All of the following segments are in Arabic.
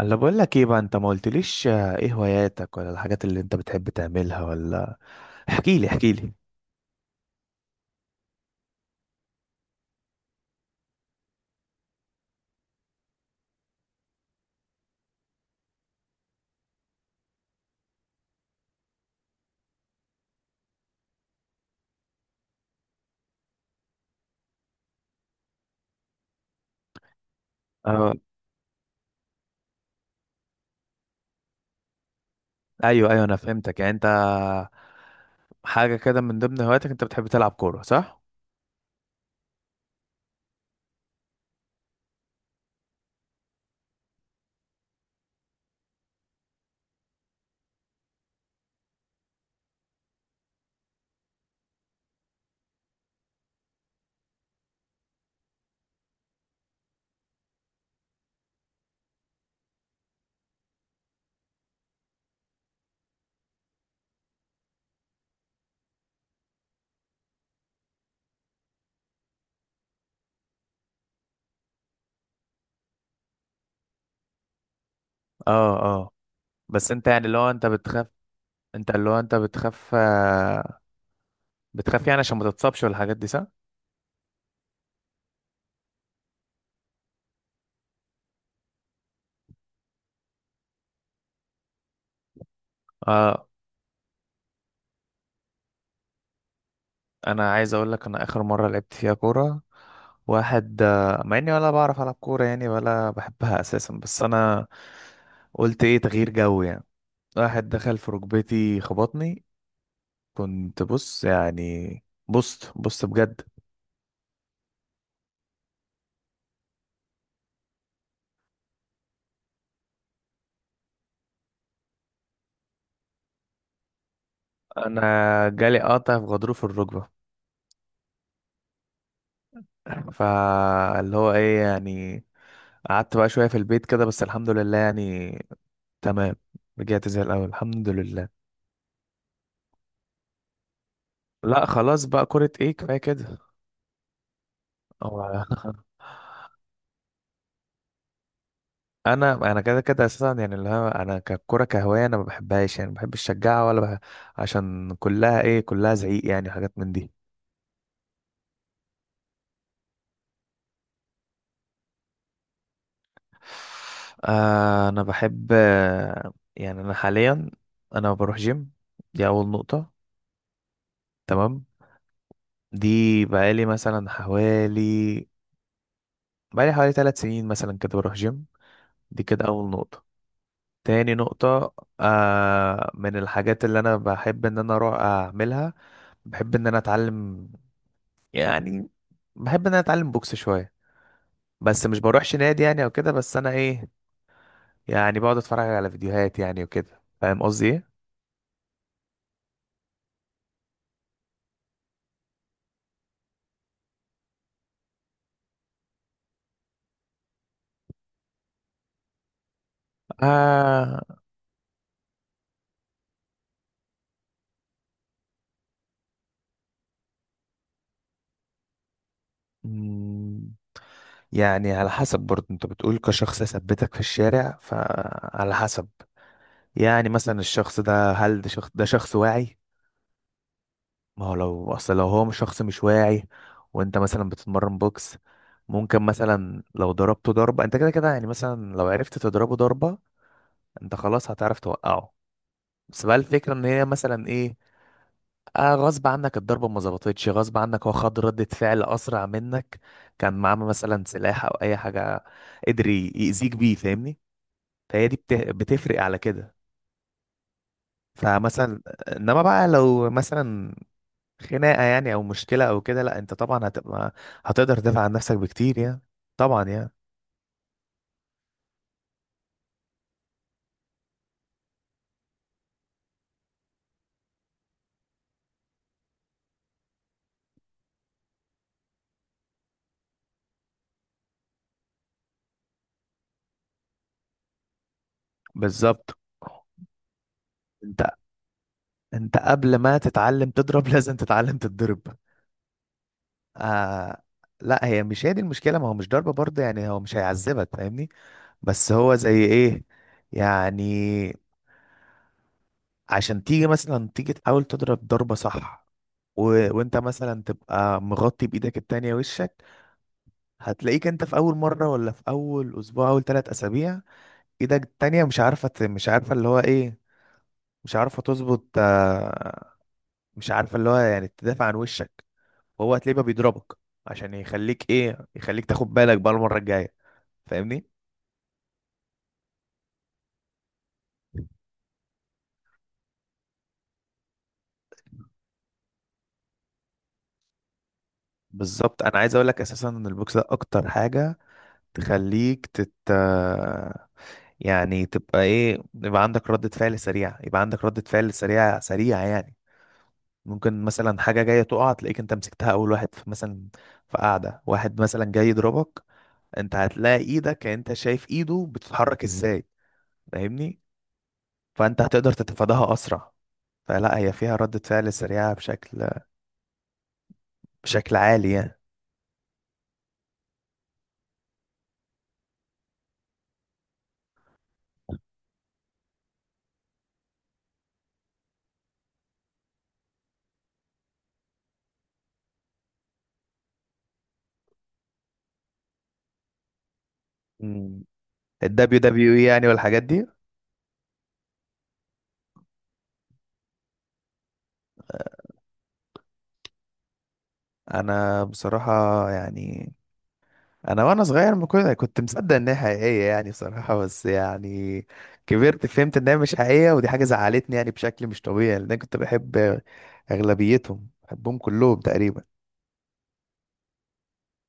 انا بقول لك ايه بقى، انت ما قلتليش. ايه هواياتك، ولا الحاجات اللي انت بتحب تعملها، ولا احكي لي احكي لي. اه، ايوه ايوه، انا فهمتك. يعني انت حاجه كده من ضمن هواياتك انت بتحب تلعب كوره، صح؟ اه اه. بس انت، يعني اللي هو انت بتخاف، انت اللي هو انت بتخاف، بتخاف يعني عشان ما تتصابش، والحاجات دي، صح؟ اه. انا عايز اقول لك، انا اخر مره لعبت فيها كوره واحد مع اني ولا بعرف العب كوره يعني، ولا بحبها اساسا، بس انا قلت ايه، تغيير جو يعني. واحد دخل في ركبتي خبطني، كنت بص يعني، بصت بصت بجد. انا جالي قطع في غضروف الركبه، فاللي هو ايه يعني، قعدت بقى شويه في البيت كده، بس الحمد لله يعني، تمام، رجعت زي الاول الحمد لله. لا، خلاص بقى، كرة ايه، كفايه كده. هو انا كده كده اساسا، يعني اللي هو انا ككرة كهوايه انا ما بحبهاش، يعني ما بحبش اشجعها ولا بح... عشان كلها ايه، كلها زعيق يعني، حاجات من دي. آه، انا بحب، يعني انا حاليا انا بروح جيم، دي اول نقطة، تمام. دي بقالي مثلا حوالي بقالي حوالي 3 سنين مثلا كده بروح جيم، دي كده اول نقطة. تاني نقطة، آه، من الحاجات اللي انا بحب ان انا اروح اعملها، بحب ان انا اتعلم يعني، بحب ان انا اتعلم بوكس شوية، بس مش بروحش نادي يعني او كده، بس انا ايه، يعني بقعد اتفرج على فيديوهات يعني وكده، فاهم قصدي ايه. آه. مم. يعني على حسب برضه، انت بتقول كشخص يثبتك في الشارع، فعلى حسب يعني، مثلا الشخص ده، هل ده شخص ده شخص واعي؟ ما هو لو، اصل لو هو مش شخص مش واعي، وانت مثلا بتتمرن بوكس، ممكن مثلا لو ضربته ضربة، انت كده كده يعني، مثلا لو عرفت تضربه ضربة، انت خلاص هتعرف توقعه. بس بقى الفكرة ان هي مثلا ايه، آه، غصب عنك الضربة ما ظبطتش، غصب عنك هو خد ردة فعل أسرع منك، كان معاه مثلا سلاح أو أي حاجة قدر يأذيك بيه، فاهمني. فهي دي بتفرق على كده، فمثلا، إنما بقى لو مثلا خناقة يعني، أو مشكلة أو كده، لأ أنت طبعا هتبقى، هتقدر تدافع عن نفسك بكتير يعني، طبعا يعني. بالظبط. أنت أنت قبل ما تتعلم تضرب لازم تتعلم تتضرب. آه. لا، هي مش هي دي المشكلة، ما هو مش ضربة برضه يعني، هو مش هيعذبك فاهمني، بس هو زي ايه يعني، عشان تيجي مثلا، تيجي تحاول تضرب ضربة صح، و... وانت مثلا تبقى مغطي بايدك التانية وشك، هتلاقيك انت في اول مرة، ولا في اول اسبوع، اول 3 اسابيع، ايدك التانية مش عارفة مش عارفة اللي هو ايه، مش عارفة تظبط، مش عارفة اللي هو يعني تدافع عن وشك، وهو هتلاقيه بقى بيضربك، عشان يخليك ايه، يخليك تاخد بالك بقى المرة الجاية، فاهمني. بالظبط. انا عايز اقول لك اساسا ان البوكس ده اكتر حاجة تخليك تت، يعني تبقى ايه، يبقى عندك ردة فعل سريعة، يبقى عندك ردة فعل سريعة سريعة يعني. ممكن مثلا حاجة جاية تقع تلاقيك انت مسكتها، اول واحد في مثلا، في قاعدة واحد مثلا جاي يضربك، انت هتلاقي ايدك، انت شايف ايده بتتحرك ازاي، فاهمني، فانت هتقدر تتفاداها اسرع. فلا هي فيها ردة فعل سريعة بشكل عالي يعني. الـ WWE يعني، والحاجات دي. انا بصراحة يعني، انا وانا صغير ما كنت كنت مصدق ان هي حقيقيه يعني بصراحه، بس يعني كبرت فهمت ان هي مش حقيقيه، ودي حاجه زعلتني يعني بشكل مش طبيعي، لان انا كنت بحب اغلبيتهم، بحبهم كلهم تقريبا.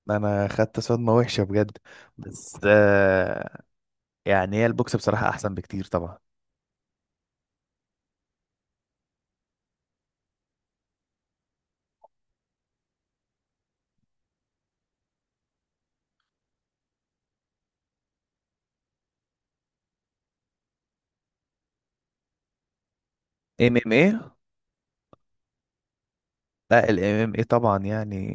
انا خدت صدمه وحشه بجد. بس آه، يعني هي البوكس بصراحه احسن بكتير طبعا. ام ام ايه. لا، الـ MMA طبعا يعني،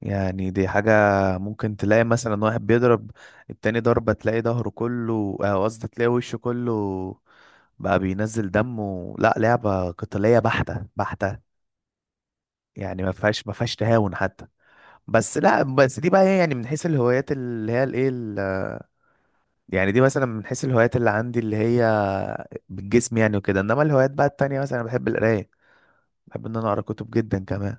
يعني دي حاجة ممكن تلاقي مثلا واحد بيضرب التاني ضربة، تلاقي ظهره كله، آه، قصدي تلاقي وشه كله بقى بينزل دمه، لا لعبة قتالية بحتة بحتة يعني، ما فيهاش، ما فيهاش تهاون حتى. بس لا، بس دي بقى هي يعني من حيث الهوايات اللي هي الايه، يعني دي مثلا من حيث الهوايات اللي عندي اللي هي بالجسم يعني وكده، انما الهوايات بقى التانية مثلا انا بحب القراية، بحب ان انا اقرا كتب جدا كمان.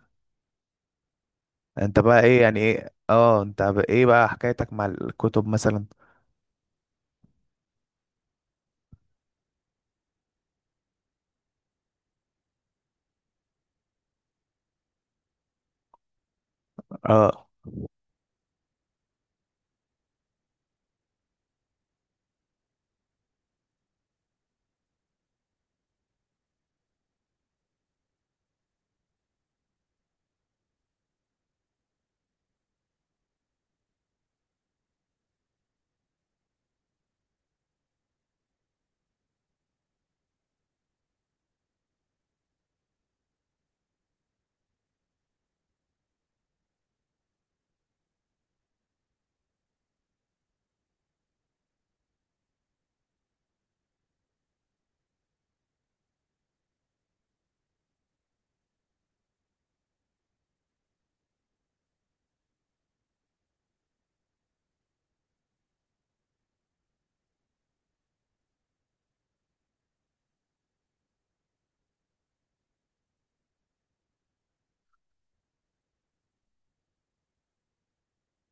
انت بقى ايه يعني ايه، اه انت بقى ايه بقى حكايتك مع الكتب مثلا؟ اه،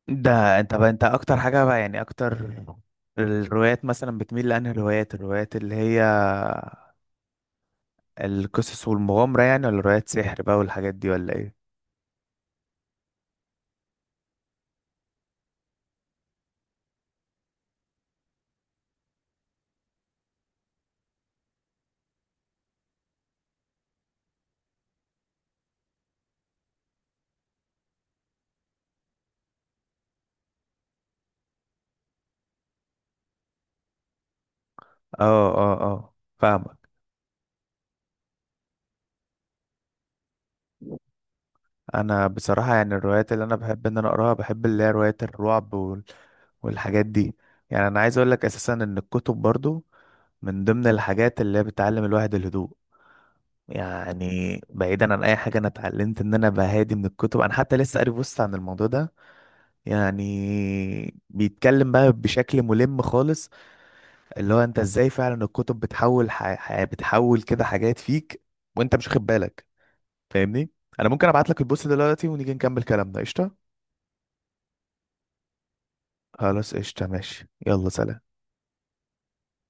ده انت بقى، انت اكتر حاجة بقى يعني، اكتر الروايات مثلا بتميل لانهي الروايات اللي هي القصص والمغامرة يعني، ولا روايات سحر بقى والحاجات دي، ولا ايه؟ اه اه اه، فاهمك. انا بصراحة يعني الروايات اللي انا بحب ان انا اقراها، بحب اللي هي روايات الرعب وال... والحاجات دي. يعني انا عايز اقول لك اساسا ان الكتب برضو من ضمن الحاجات اللي هي بتعلم الواحد الهدوء، يعني بعيدا عن اي حاجة انا اتعلمت ان انا بهادي من الكتب، انا حتى لسه قاري بوست عن الموضوع ده، يعني بيتكلم بقى بشكل ملم خالص، اللي هو انت ازاي فعلا الكتب بتحول بتحول كده حاجات فيك وانت مش واخد بالك، فاهمني. انا ممكن ابعت لك البوست دلوقتي ونيجي نكمل كلامنا، قشطه. خلاص قشطه، ماشي، يلا سلام.